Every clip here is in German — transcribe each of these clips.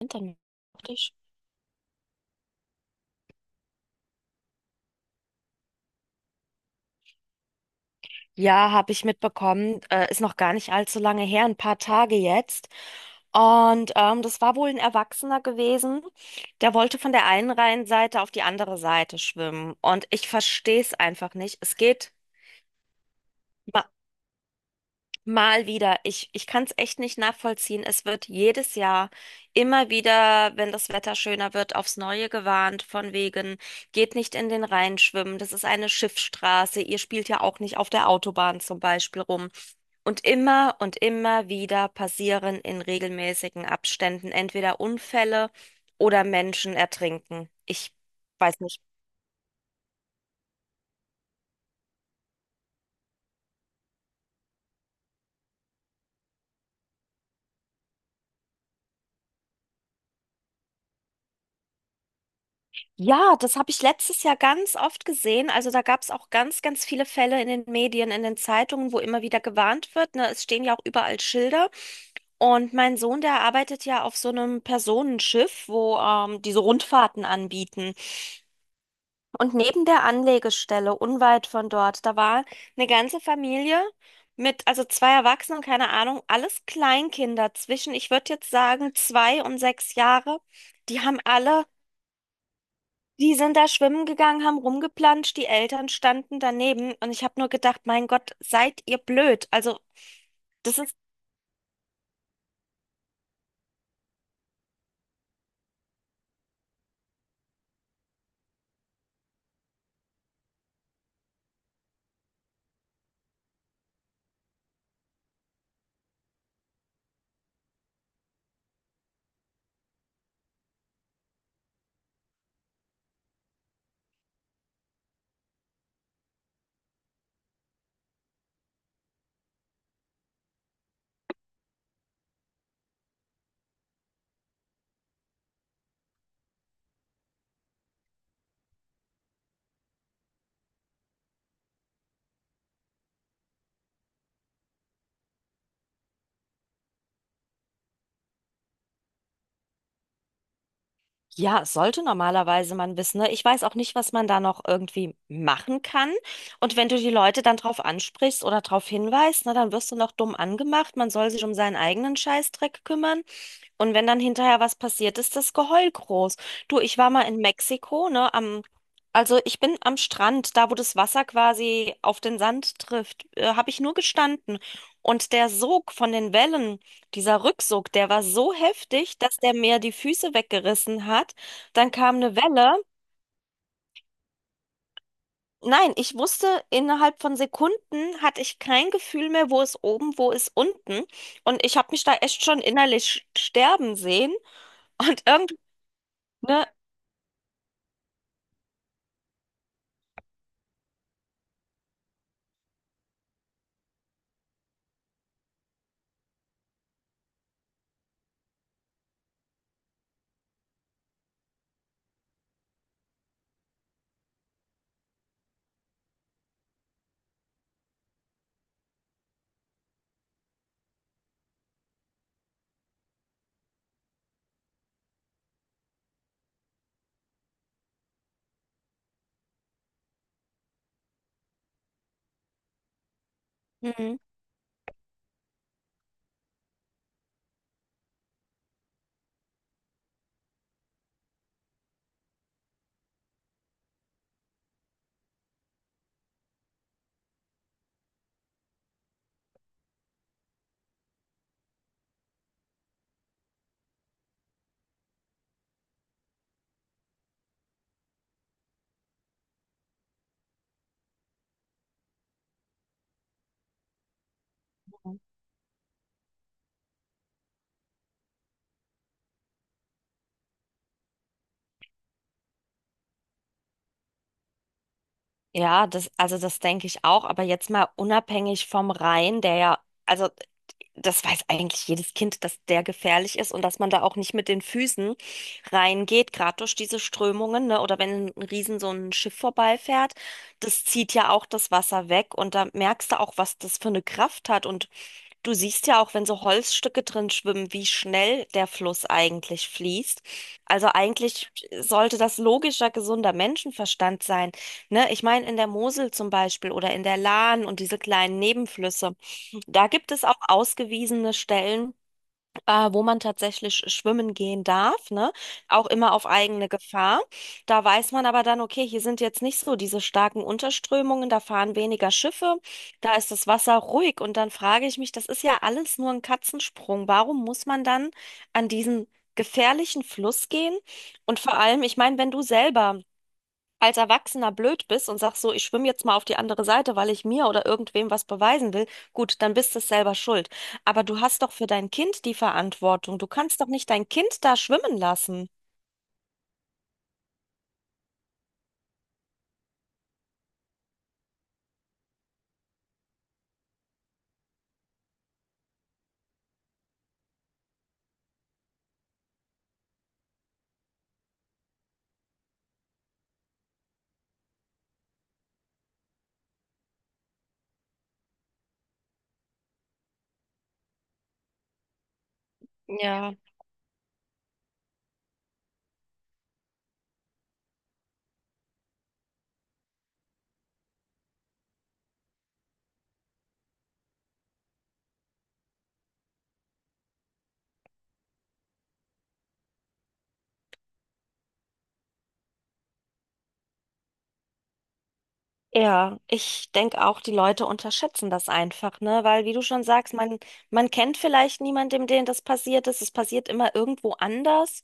Internet auf dich. Ja, habe ich mitbekommen. Ist noch gar nicht allzu lange her, ein paar Tage jetzt. Und das war wohl ein Erwachsener gewesen, der wollte von der einen Rheinseite auf die andere Seite schwimmen. Und ich verstehe es einfach nicht. Es geht, mal wieder. Ich kann es echt nicht nachvollziehen. Es wird jedes Jahr immer wieder, wenn das Wetter schöner wird, aufs Neue gewarnt, von wegen, geht nicht in den Rhein schwimmen. Das ist eine Schiffsstraße. Ihr spielt ja auch nicht auf der Autobahn zum Beispiel rum. Und immer wieder passieren in regelmäßigen Abständen entweder Unfälle oder Menschen ertrinken. Ich weiß nicht. Ja, das habe ich letztes Jahr ganz oft gesehen. Also da gab es auch ganz, ganz viele Fälle in den Medien, in den Zeitungen, wo immer wieder gewarnt wird. Ne? Es stehen ja auch überall Schilder. Und mein Sohn, der arbeitet ja auf so einem Personenschiff, wo diese Rundfahrten anbieten. Und neben der Anlegestelle, unweit von dort, da war eine ganze Familie mit, also zwei Erwachsenen, keine Ahnung, alles Kleinkinder zwischen, ich würde jetzt sagen, 2 und 6 Jahre. Die haben alle Die sind da schwimmen gegangen, haben rumgeplanscht, die Eltern standen daneben und ich habe nur gedacht, mein Gott, seid ihr blöd. Also, das ist, ja, sollte normalerweise man wissen, ne? Ich weiß auch nicht, was man da noch irgendwie machen kann. Und wenn du die Leute dann drauf ansprichst oder drauf hinweist, ne, dann wirst du noch dumm angemacht. Man soll sich um seinen eigenen Scheißdreck kümmern. Und wenn dann hinterher was passiert, ist das Geheul groß. Du, ich war mal in Mexiko, ne, also ich bin am Strand, da wo das Wasser quasi auf den Sand trifft, habe ich nur gestanden. Und der Sog von den Wellen, dieser Rücksog, der war so heftig, dass der mir die Füße weggerissen hat. Dann kam eine Welle. Nein, ich wusste, innerhalb von Sekunden hatte ich kein Gefühl mehr, wo ist oben, wo ist unten. Und ich habe mich da echt schon innerlich sterben sehen. Und irgendwie. Ne? Mhm. Ja, das, also das denke ich auch, aber jetzt mal unabhängig vom Rhein, der ja, also das weiß eigentlich jedes Kind, dass der gefährlich ist und dass man da auch nicht mit den Füßen reingeht, gerade durch diese Strömungen, ne? Oder wenn ein Riesen so ein Schiff vorbeifährt, das zieht ja auch das Wasser weg und da merkst du auch, was das für eine Kraft hat. Und du siehst ja auch, wenn so Holzstücke drin schwimmen, wie schnell der Fluss eigentlich fließt. Also eigentlich sollte das logischer, gesunder Menschenverstand sein, ne? Ich meine, in der Mosel zum Beispiel oder in der Lahn und diese kleinen Nebenflüsse, da gibt es auch ausgewiesene Stellen, wo man tatsächlich schwimmen gehen darf, ne? Auch immer auf eigene Gefahr. Da weiß man aber dann, okay, hier sind jetzt nicht so diese starken Unterströmungen, da fahren weniger Schiffe, da ist das Wasser ruhig. Und dann frage ich mich, das ist ja alles nur ein Katzensprung. Warum muss man dann an diesen gefährlichen Fluss gehen? Und vor allem, ich meine, wenn du selber als Erwachsener blöd bist und sagst so, ich schwimme jetzt mal auf die andere Seite, weil ich mir oder irgendwem was beweisen will, gut, dann bist du selber schuld. Aber du hast doch für dein Kind die Verantwortung. Du kannst doch nicht dein Kind da schwimmen lassen. Ja, ja, ich denke auch, die Leute unterschätzen das einfach, ne? Weil, wie du schon sagst, man kennt vielleicht niemandem, dem das passiert ist. Es passiert immer irgendwo anders.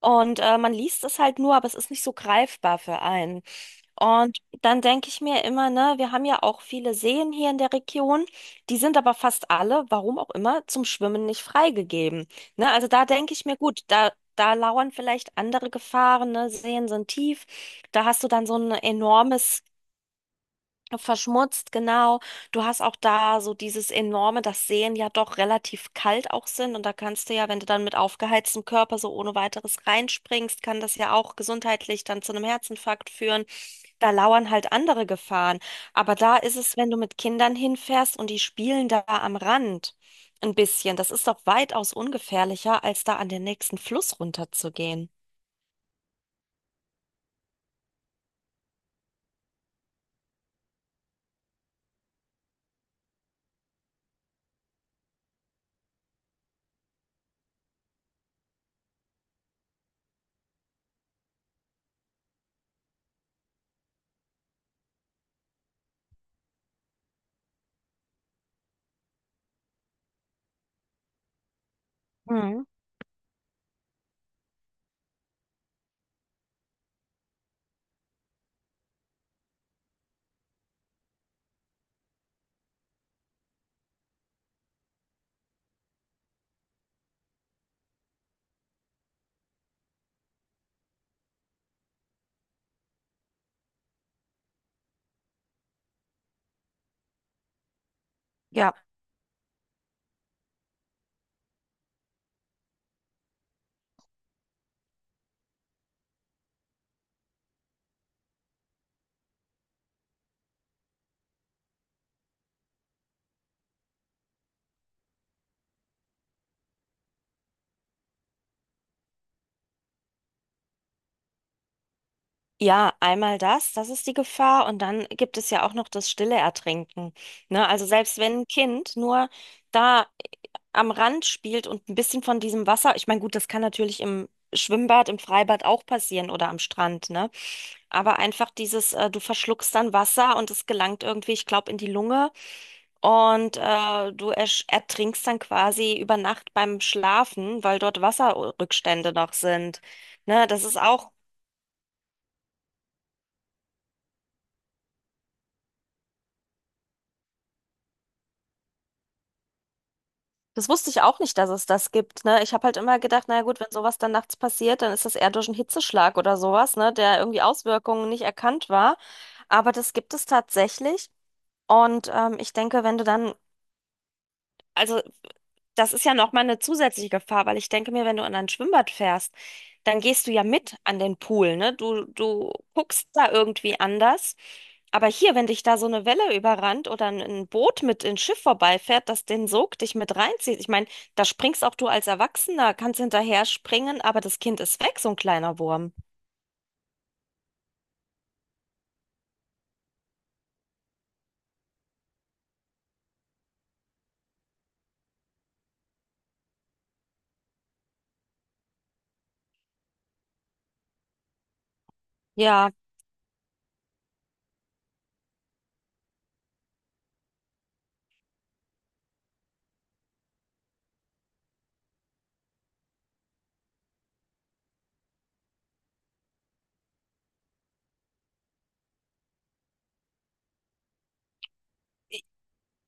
Und man liest es halt nur, aber es ist nicht so greifbar für einen. Und dann denke ich mir immer, ne, wir haben ja auch viele Seen hier in der Region, die sind aber fast alle, warum auch immer, zum Schwimmen nicht freigegeben. Ne, also da denke ich mir, gut, da, da lauern vielleicht andere Gefahren, ne, Seen sind tief, da hast du dann so ein enormes. Verschmutzt, genau. Du hast auch da so dieses enorme, dass Seen ja doch relativ kalt auch sind. Und da kannst du ja, wenn du dann mit aufgeheiztem Körper so ohne weiteres reinspringst, kann das ja auch gesundheitlich dann zu einem Herzinfarkt führen. Da lauern halt andere Gefahren. Aber da ist es, wenn du mit Kindern hinfährst und die spielen da am Rand ein bisschen. Das ist doch weitaus ungefährlicher, als da an den nächsten Fluss runterzugehen. Mhm. Ja. Ja, einmal das, das ist die Gefahr. Und dann gibt es ja auch noch das stille Ertrinken. Ne? Also selbst wenn ein Kind nur da am Rand spielt und ein bisschen von diesem Wasser, ich meine, gut, das kann natürlich im Schwimmbad, im Freibad auch passieren oder am Strand, ne? Aber einfach dieses, du verschluckst dann Wasser und es gelangt irgendwie, ich glaube, in die Lunge und du ertrinkst dann quasi über Nacht beim Schlafen, weil dort Wasserrückstände noch sind. Ne? Das wusste ich auch nicht, dass es das gibt, ne? Ich habe halt immer gedacht, na ja gut, wenn sowas dann nachts passiert, dann ist das eher durch einen Hitzeschlag oder sowas, ne, der irgendwie Auswirkungen nicht erkannt war. Aber das gibt es tatsächlich. Und ich denke, wenn du dann, also das ist ja nochmal eine zusätzliche Gefahr, weil ich denke mir, wenn du in ein Schwimmbad fährst, dann gehst du ja mit an den Pool, ne? Du guckst da irgendwie anders. Aber hier, wenn dich da so eine Welle überrannt oder ein Boot mit ins Schiff vorbeifährt, das den Sog dich mit reinzieht. Ich meine, da springst auch du als Erwachsener, kannst hinterher springen, aber das Kind ist weg, so ein kleiner Wurm. Ja,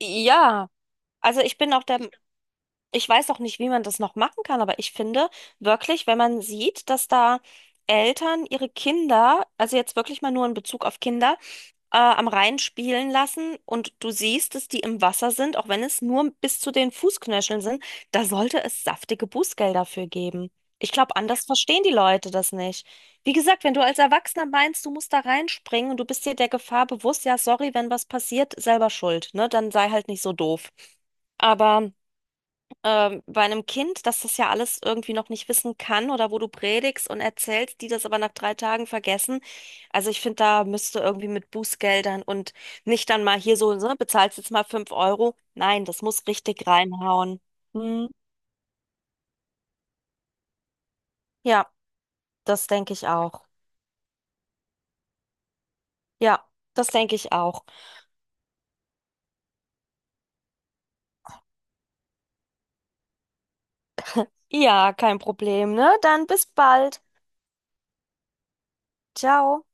ja. Also ich bin auch der, ich weiß auch nicht, wie man das noch machen kann, aber ich finde wirklich, wenn man sieht, dass da Eltern ihre Kinder, also jetzt wirklich mal nur in Bezug auf Kinder, am Rhein spielen lassen und du siehst, dass die im Wasser sind, auch wenn es nur bis zu den Fußknöcheln sind, da sollte es saftige Bußgelder für geben. Ich glaube, anders verstehen die Leute das nicht. Wie gesagt, wenn du als Erwachsener meinst, du musst da reinspringen und du bist dir der Gefahr bewusst, ja, sorry, wenn was passiert, selber schuld, ne? Dann sei halt nicht so doof. Aber bei einem Kind, das das ja alles irgendwie noch nicht wissen kann oder wo du predigst und erzählst, die das aber nach 3 Tagen vergessen. Also ich finde, da müsste irgendwie mit Bußgeldern und nicht dann mal hier so, ne, bezahlst jetzt mal fünf Euro. Nein, das muss richtig reinhauen. Hm, ja, das denke ich auch. Ja, das denke ich auch. Ja, kein Problem, ne? Dann bis bald. Ciao.